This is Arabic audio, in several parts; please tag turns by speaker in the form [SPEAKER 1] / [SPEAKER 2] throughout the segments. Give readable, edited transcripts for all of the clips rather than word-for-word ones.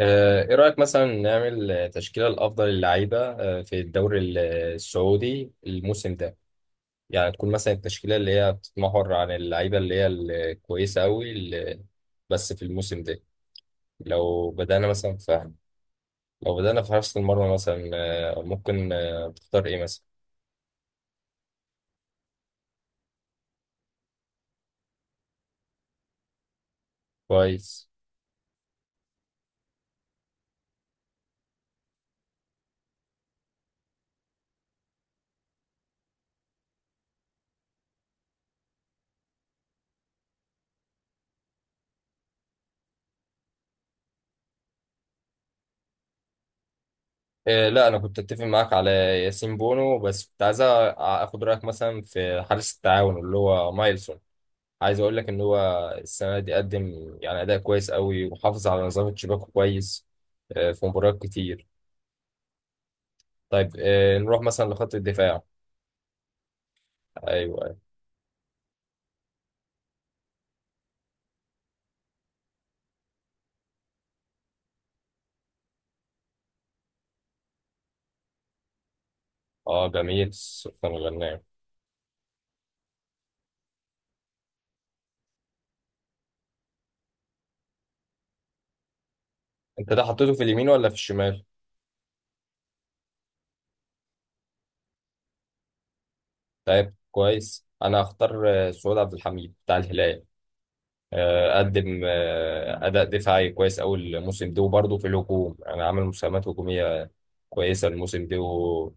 [SPEAKER 1] ايه رأيك مثلا نعمل تشكيلة الافضل للعيبة في الدوري السعودي الموسم ده. يعني تكون مثلا التشكيلة اللي هي بتتمحور عن اللعيبة اللي هي الكويسة قوي اللي بس في الموسم ده. لو بدأنا مثلا في لو بدأنا في حراسة المرمى مثلا. ممكن تختار ايه مثلا؟ كويس. لا انا كنت اتفق معاك على ياسين بونو، بس كنت عايز اخد رأيك مثلا في حارس التعاون اللي هو مايلسون. عايز اقول لك ان هو السنه دي قدم يعني اداء كويس قوي، وحافظ على نظام تشيباكو كويس في مباريات كتير. طيب، نروح مثلا لخط الدفاع. ايوه، أيوة. اه، جميل. سلطان غنام. انت ده حطيته في اليمين ولا في الشمال؟ طيب، كويس. انا هختار سعود عبد الحميد بتاع الهلال. قدم اداء دفاعي كويس قوي الموسم ده، وبرضه في الهجوم انا عامل مساهمات هجوميه كويسه الموسم ده و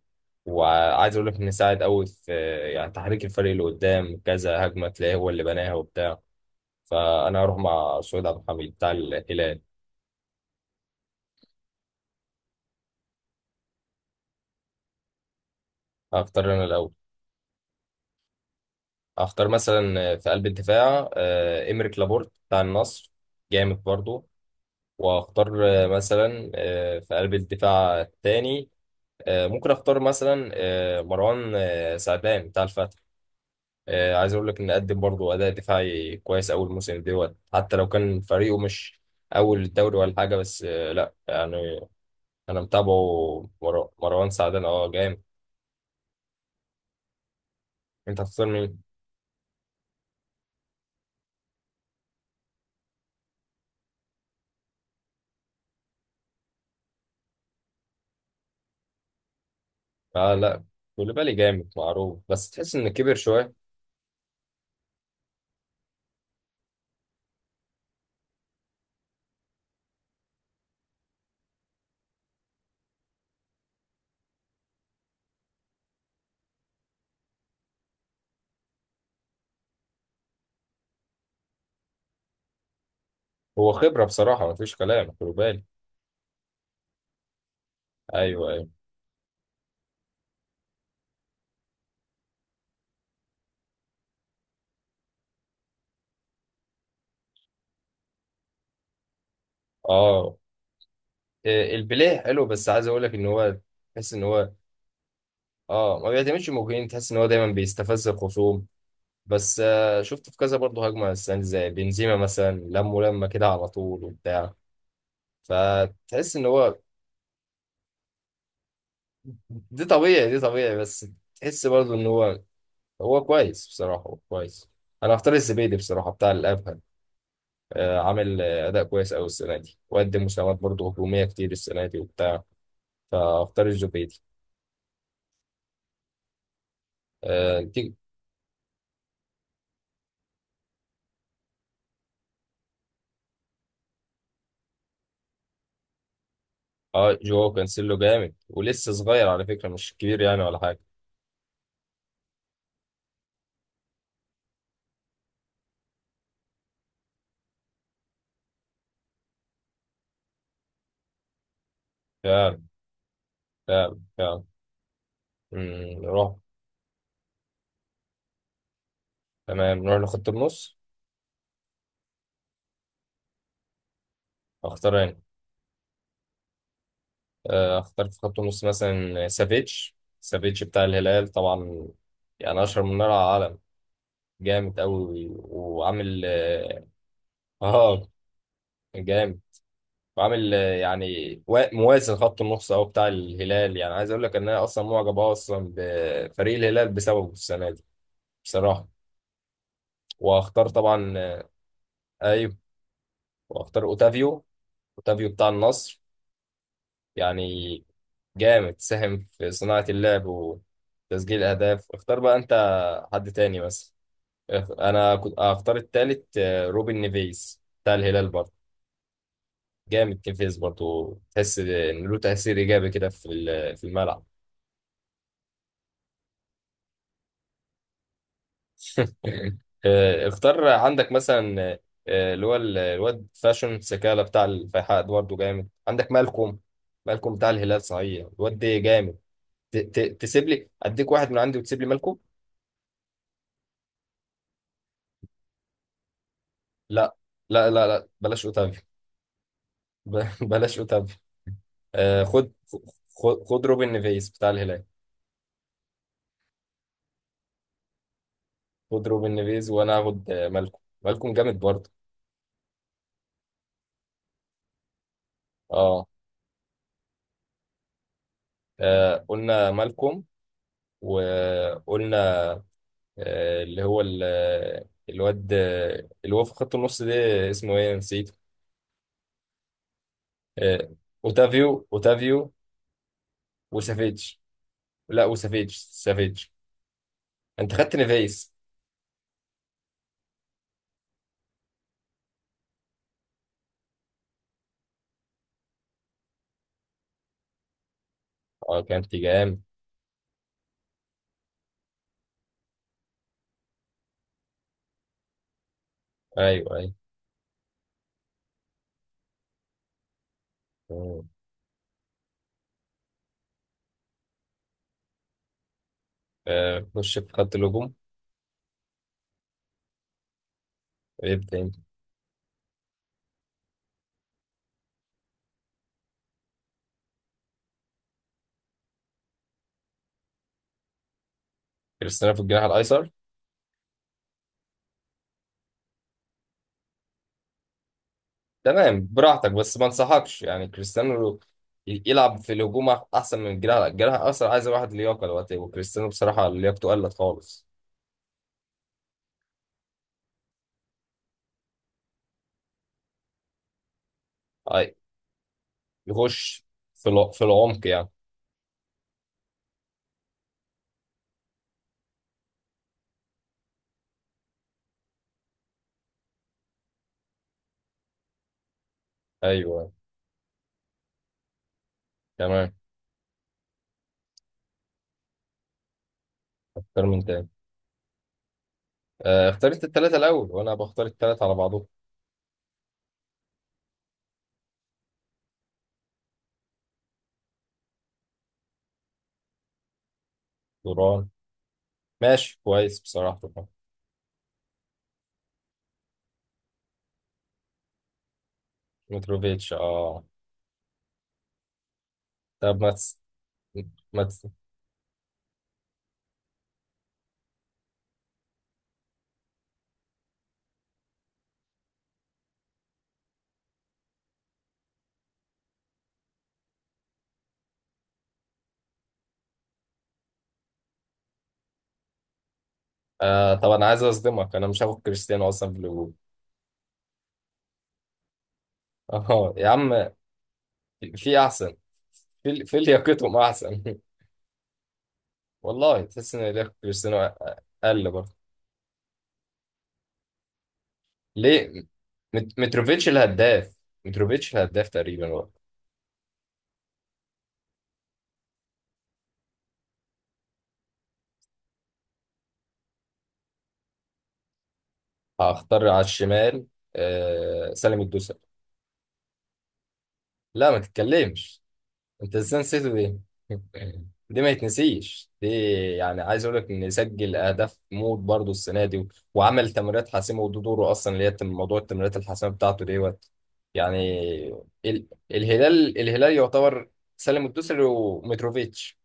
[SPEAKER 1] وعايز اقول لك ان ساعد قوي في يعني تحريك الفريق اللي قدام، كذا هجمه تلاقيه هو اللي بناها وبتاع. فانا هروح مع سعود عبد الحميد بتاع الهلال. هختار انا الاول. هختار مثلا في قلب الدفاع إمريك لابورت بتاع النصر. جامد برضه. واختار مثلا في قلب الدفاع الثاني ممكن اختار مثلا مروان سعدان بتاع الفتح. عايز اقول لك ان قدم برضه اداء دفاعي كويس اول موسم دوت، حتى لو كان فريقه مش اول الدوري ولا حاجه. بس لا يعني انا متابعه مروان سعدان. اه، جامد. انت هتختار مين؟ اه، لا. كوليبالي جامد معروف، بس تحس ان كبر شويه. هو خبره بصراحه، مفيش كلام. كوليبالي. ايوه، ايوه. اه. البليه حلو، بس عايز اقول لك ان هو، تحس ان هو، اه، ما بيعتمدش مجهود. تحس ان هو دايما بيستفز الخصوم، بس شفت في كذا برضه هجمة السنة دي زي بنزيما مثلا لم ولما كده على طول وبتاع. فتحس ان هو دي طبيعي، دي طبيعي بس. تحس برضه ان هو هو كويس بصراحة. هو كويس. انا هختار الزبيدي بصراحة، بتاع الابهل. عامل اداء كويس قوي السنة دي، وقدم مساهمات برضه هجومية كتير السنة دي وبتاع. فاختار الزبيدي. تيجي. اه، جواو كانسيلو جامد، ولسه صغير على فكرة، مش كبير يعني ولا حاجة. فعلا، فعلا، فعلا. مم، نروح تمام، نروح لخط النص. اختار انا. اختار في خط النص مثلا سافيتش بتاع الهلال طبعا. يعني اشهر من نار على العالم. جامد قوي وعامل، اه، آه، جامد. وعامل يعني موازن خط النص او بتاع الهلال. يعني عايز اقول لك ان انا اصلا معجب أوي اصلا بفريق الهلال بسببه السنه دي بصراحه. واختار طبعا. ايوه. واختار اوتافيو. اوتافيو بتاع النصر. يعني جامد، ساهم في صناعة اللعب وتسجيل الأهداف. اختار بقى أنت حد تاني بس. أنا كنت أختار التالت روبن نيفيز بتاع الهلال برضه. جامد نيفيز برضه، تحس إن له تأثير إيجابي كده في الملعب. اختار عندك مثلا اللي هو الواد فاشون سكالة بتاع الفيحاء ده برضه جامد. عندك مالكوم. مالكوم بتاع الهلال صحيح، الواد ده جامد. تسيب لي، أديك واحد من عندي وتسيب لي مالكوم. لا، لا، لا. لا بلاش أوتافي. بلاش اوتافيو. آه، خد خد خد روبن نيفيز بتاع الهلال. خد روبن نيفيز، وانا هاخد مالكم. مالكم جامد برضه. اه. قلنا مالكم، وقلنا اللي هو الواد اللي هو في خط النص ده، اسمه ايه؟ نسيت. آه، اوتافيو. وسافيتش. لا، وسافيتش. انت خدت نيفيز. اه، كانت جامد. ايوه، ايوه. خش في خط الهجوم. ابدا انت. كريستيانو في الجناح الايسر؟ تمام، براحتك. بس ما انصحكش، يعني كريستيانو يلعب في الهجوم احسن من الجناح. الجناح اصلا عايز واحد لياقه دلوقتي، وكريستيانو بصراحه لياقته قلت خالص. اي. يخش في العمق يعني. ايوه. تمام. اختار من تاني. اختار انت التلاته الاول، وانا بختار التلاته على بعضهم. دوران. ماشي، كويس بصراحه طبعا. متروفيتش، اه. طب، ما تس... ما تس... طب، انا عايز اصدمك، انا مش هاخد كريستيانو اصلا في الهجوم. اه، يا عم. في احسن. في لياقتهم احسن. والله تحس ان ده كريستيانو. قل برضه. ليه؟ متروفيتش الهداف. متروفيتش الهداف تقريبا برضه. هختار على الشمال. آه، سالم الدوسري. لا، ما تتكلمش. انت ازاي نسيته دي؟ دي ما يتنسيش دي. يعني عايز اقول لك ان سجل اهداف موت برضه السنه دي وعمل تمريرات حاسمه، وده دوره اصلا اللي هي موضوع التمريرات الحاسمه بتاعته ديت يعني. الهلال يعتبر. سالم الدوسري ومتروفيتش.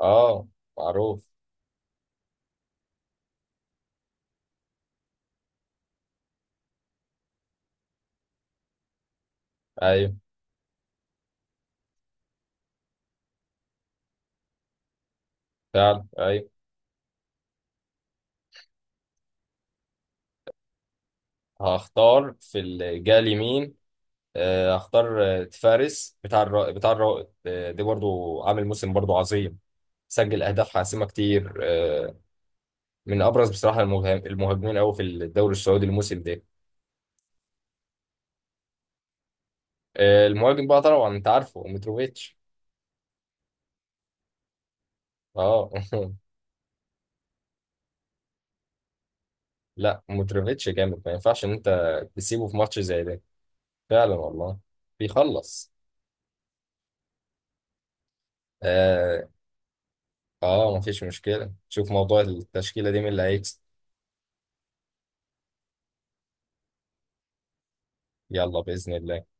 [SPEAKER 1] اه. معروف. ايوه. فعلا، ايوه. هختار في الجهه اليمين. هختار فارس بتاع الرائد، ده برضو عامل موسم برضو عظيم. سجل اهداف حاسمه كتير، من ابرز بصراحه المهاجمين قوي في الدوري السعودي الموسم ده. المهاجم بقى طبعا، انت عارفه، متروفيتش. اه. لا، متروفيتش جامد، ما ينفعش ان انت تسيبه في ماتش زي ده. فعلا، والله. بيخلص. آه، اه، مفيش مشكلة. شوف موضوع التشكيلة دي مين اللي هيكسب. يلا، بإذن الله.